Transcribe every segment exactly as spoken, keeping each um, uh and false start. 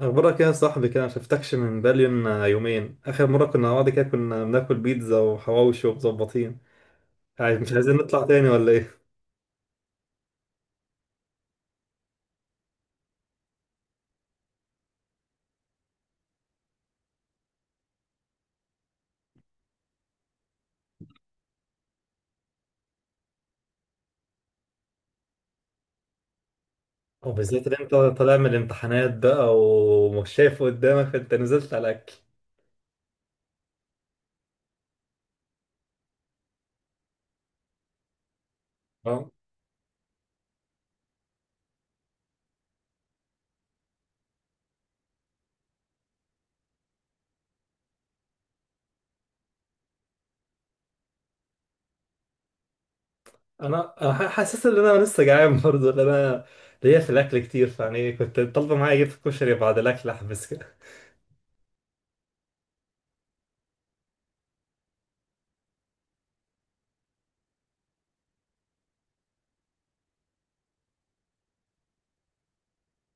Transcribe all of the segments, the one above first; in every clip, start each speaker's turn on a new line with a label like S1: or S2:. S1: اخبارك يا صاحبي، كده ما شفتكش من بالين يومين. اخر مره كنا مع بعض كده كنا بناكل بيتزا وحواوشي ومظبطين. يعني مش عايزين نطلع تاني ولا ايه؟ وبالذات ان انت طالع من الامتحانات بقى، ومش شايف قدامك فانت نزلت على الاكل. اه، انا أنا ح- حاسس ان انا لسه جعان برضه، لان انا ليا في الاكل كتير، فيعني كنت طالبه معايا اجيب كشري بعد الاكل احبس.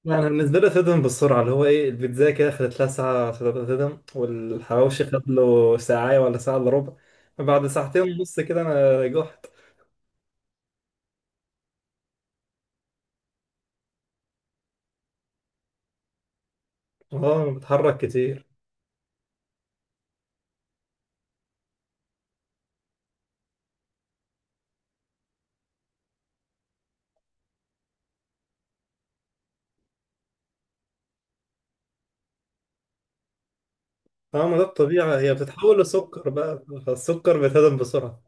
S1: لا، انا بالنسبه لي تدم بالسرعه، اللي هو ايه، البيتزا كده خدت لها ساعه تدم، والحواوشي خد له ساعه ولا ساعه الا ربع. بعد ساعتين ونص كده انا جحت. اه، بتحرك كتير. اه، ما ده الطبيعه، هي بتتحول لسكر بقى، فالسكر بيتهضم بسرعه.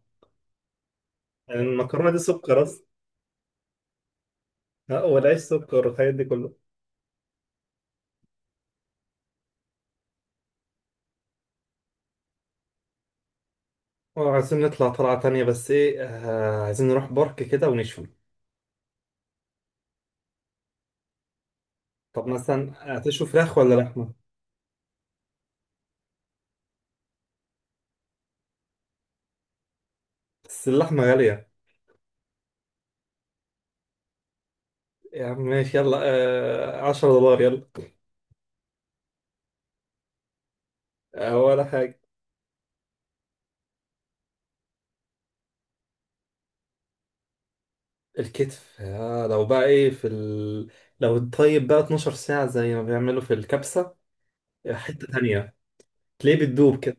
S1: يعني المكرونه دي سكر اصلا. آه، والعيش سكر والحاجات دي كله. اه، عايزين نطلع طلعه تانية، بس ايه، آه عايزين نروح بارك كده ونشوي. طب مثلا هتشوي فراخ ولا لحمه؟ بس اللحمه غاليه. يا عم ماشي يلا. آه، عشرة دولار يلا. ولا حاجة. الكتف، آه لو بقى ايه في ال... لو الطيب بقى اتناشر ساعة زي ما بيعملوا في الكبسة. آه، حتة تانية. تلاقيه بتدوب كده.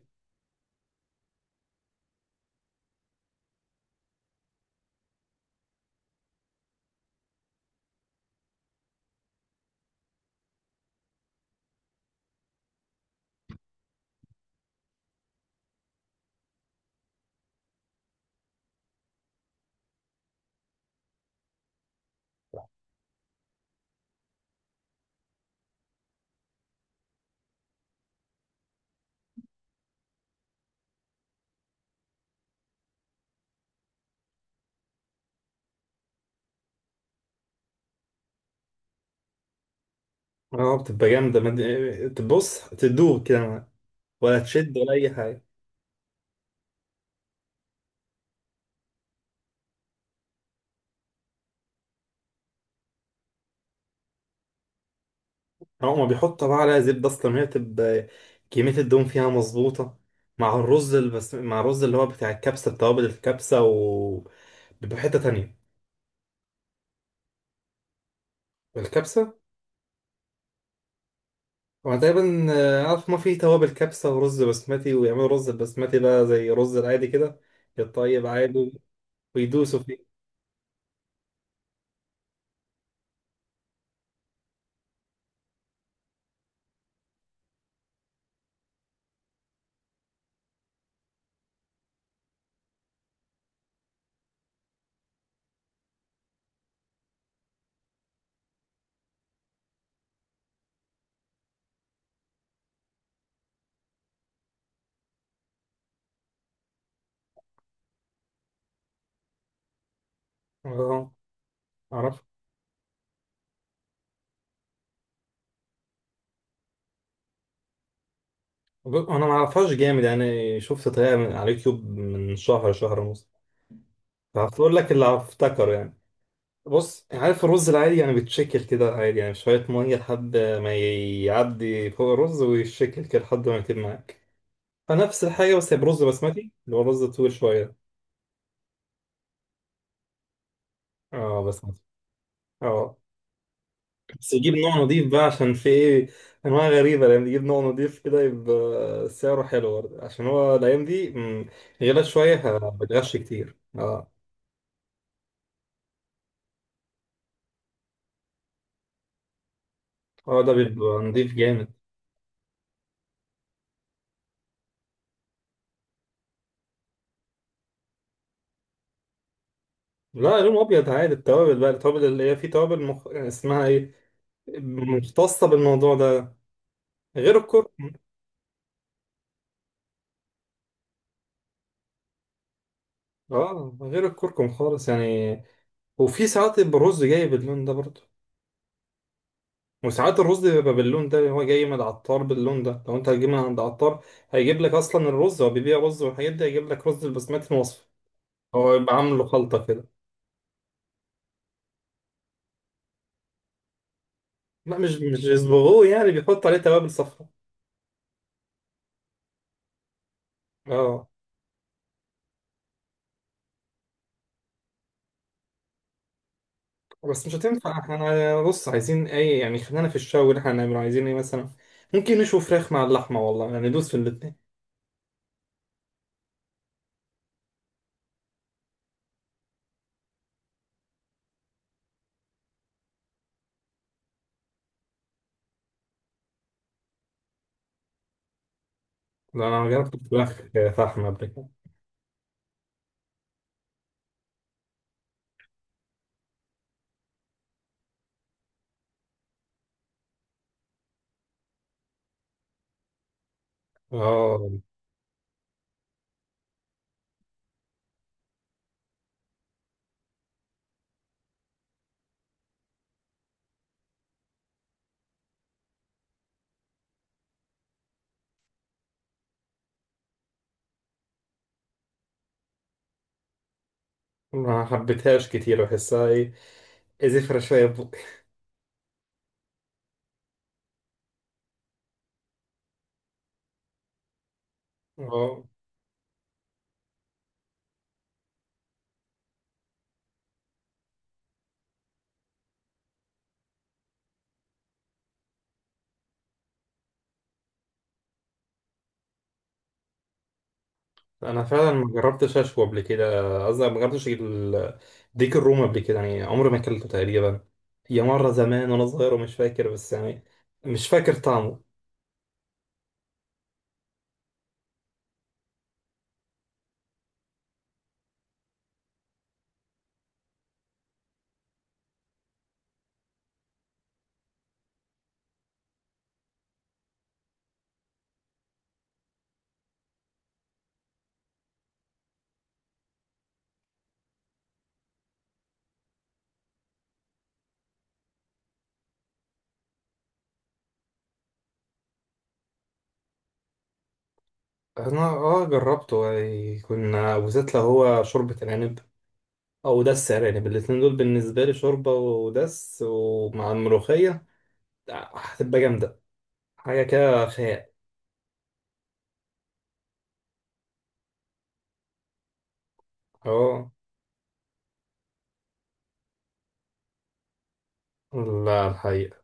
S1: اه، بتبقى جامدة، مد... تبص تدوب كده معاك. ولا تشد ولا أي حاجة. آه، هما بيحطوا بقى عليها زبدة، أصلا هي بتبقى كمية الدهون فيها مظبوطة، مع الرز البس... مع الرز اللي هو بتاع الكبسة بتوابل الكبسة، و بيبقى حتة تانية. الكبسة. هو تقريبا آه، عارف ما في توابل كبسة ورز بسمتي، ويعملوا رز البسمتي ده زي رز العادي كده، يتطيب عادي ويدوسوا فيه. اه، اعرف. ب- انا ما اعرفهاش جامد يعني، شفت طريقة من على اليوتيوب من شهر شهر ونص، فهقول لك اللي افتكره يعني. بص، عارف الرز العادي يعني بيتشكل كده عادي، يعني شوية مية لحد ما يعدي فوق الرز ويتشكل كده لحد ما يتم معاك. فنفس الحاجة، بس هي برز بسمتي اللي هو رز طويل شوية. اه، بسمتي. اه. بس يجيب نوع نضيف بقى، عشان في ايه انواع غريبه. لما يجيب نوع نضيف كده يبقى سعره حلو برضه، عشان هو الايام دي مم، غلا شويه، ه- بتغش كتير، اه. اه، ده بيبقى نضيف جامد. لا، لون ابيض عادي. التوابل بقى، التوابل اللي هي، في توابل مخ... اسمها ايه، مختصه بالموضوع ده. غير الكركم. اه، غير الكركم خالص يعني. وفي ساعات يبقى الرز جاي باللون ده برضه. وساعات الرز بيبقى باللون ده، هو جاي من العطار باللون ده. لو انت هتجيب من عند عطار هيجيب لك اصلا الرز، هو بيبيع رز والحاجات دي، هيجيب لك رز البسمتي المصفى. هو يبقى عامله خلطة كده. لا، مش مش يصبغوه، يعني بيحط عليه توابل صفراء. اه. بس مش هتنفع احنا، بص عايزين اي يعني، خلينا في الشاوي اللي احنا هنعمله، عايزين ايه مثلا؟ ممكن نشوي فراخ مع اللحمة والله، يعني ندوس في الاتنين. لا، انا جربت الفراخ فحمة قبل كده. اه، ما حبيتهاش كتير، بحسها ايه، زفرة شوية في بقي. اه، انا فعلا ما جربتش اشوي قبل كده، قصدي ما جربتش ال- ديك الروم قبل كده، يعني عمري ما اكلته تقريبا. هي مره زمان وانا صغير ومش فاكر، بس يعني مش فاكر طعمه. انا اه جربته يعني، كنا بالذات لو هو شوربه العنب او دس ارانب، الاتنين دول بالنسبه لي شوربه ودس، ومع الملوخيه هتبقى جامده، حاجه كده خيال. اه، لا الحقيقه.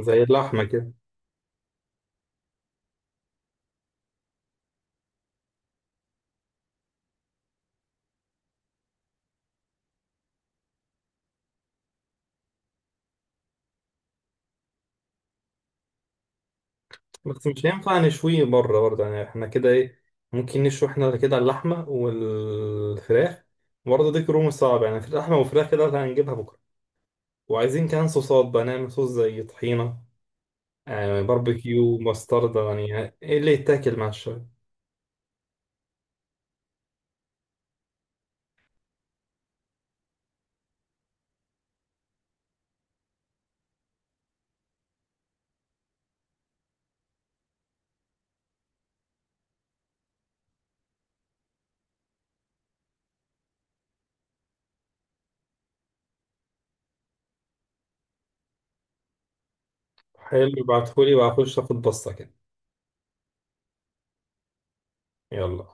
S1: زي اللحمه كده. بس مش هينفع نشويه بره برضه يعني، احنا كده ايه، ممكن نشوي احنا كده اللحمة والفراخ برضه. دي كروم صعب يعني في اللحمة والفراخ كده اللي هنجيبها بكرة، وعايزين كمان صوصات بقى، نعمل صوص زي طحينة، آه باربيكيو، مستردة، يعني ايه اللي يتاكل مع الشاي. حلو، ابعتهولي وهخش اخد بصة كده. يلا.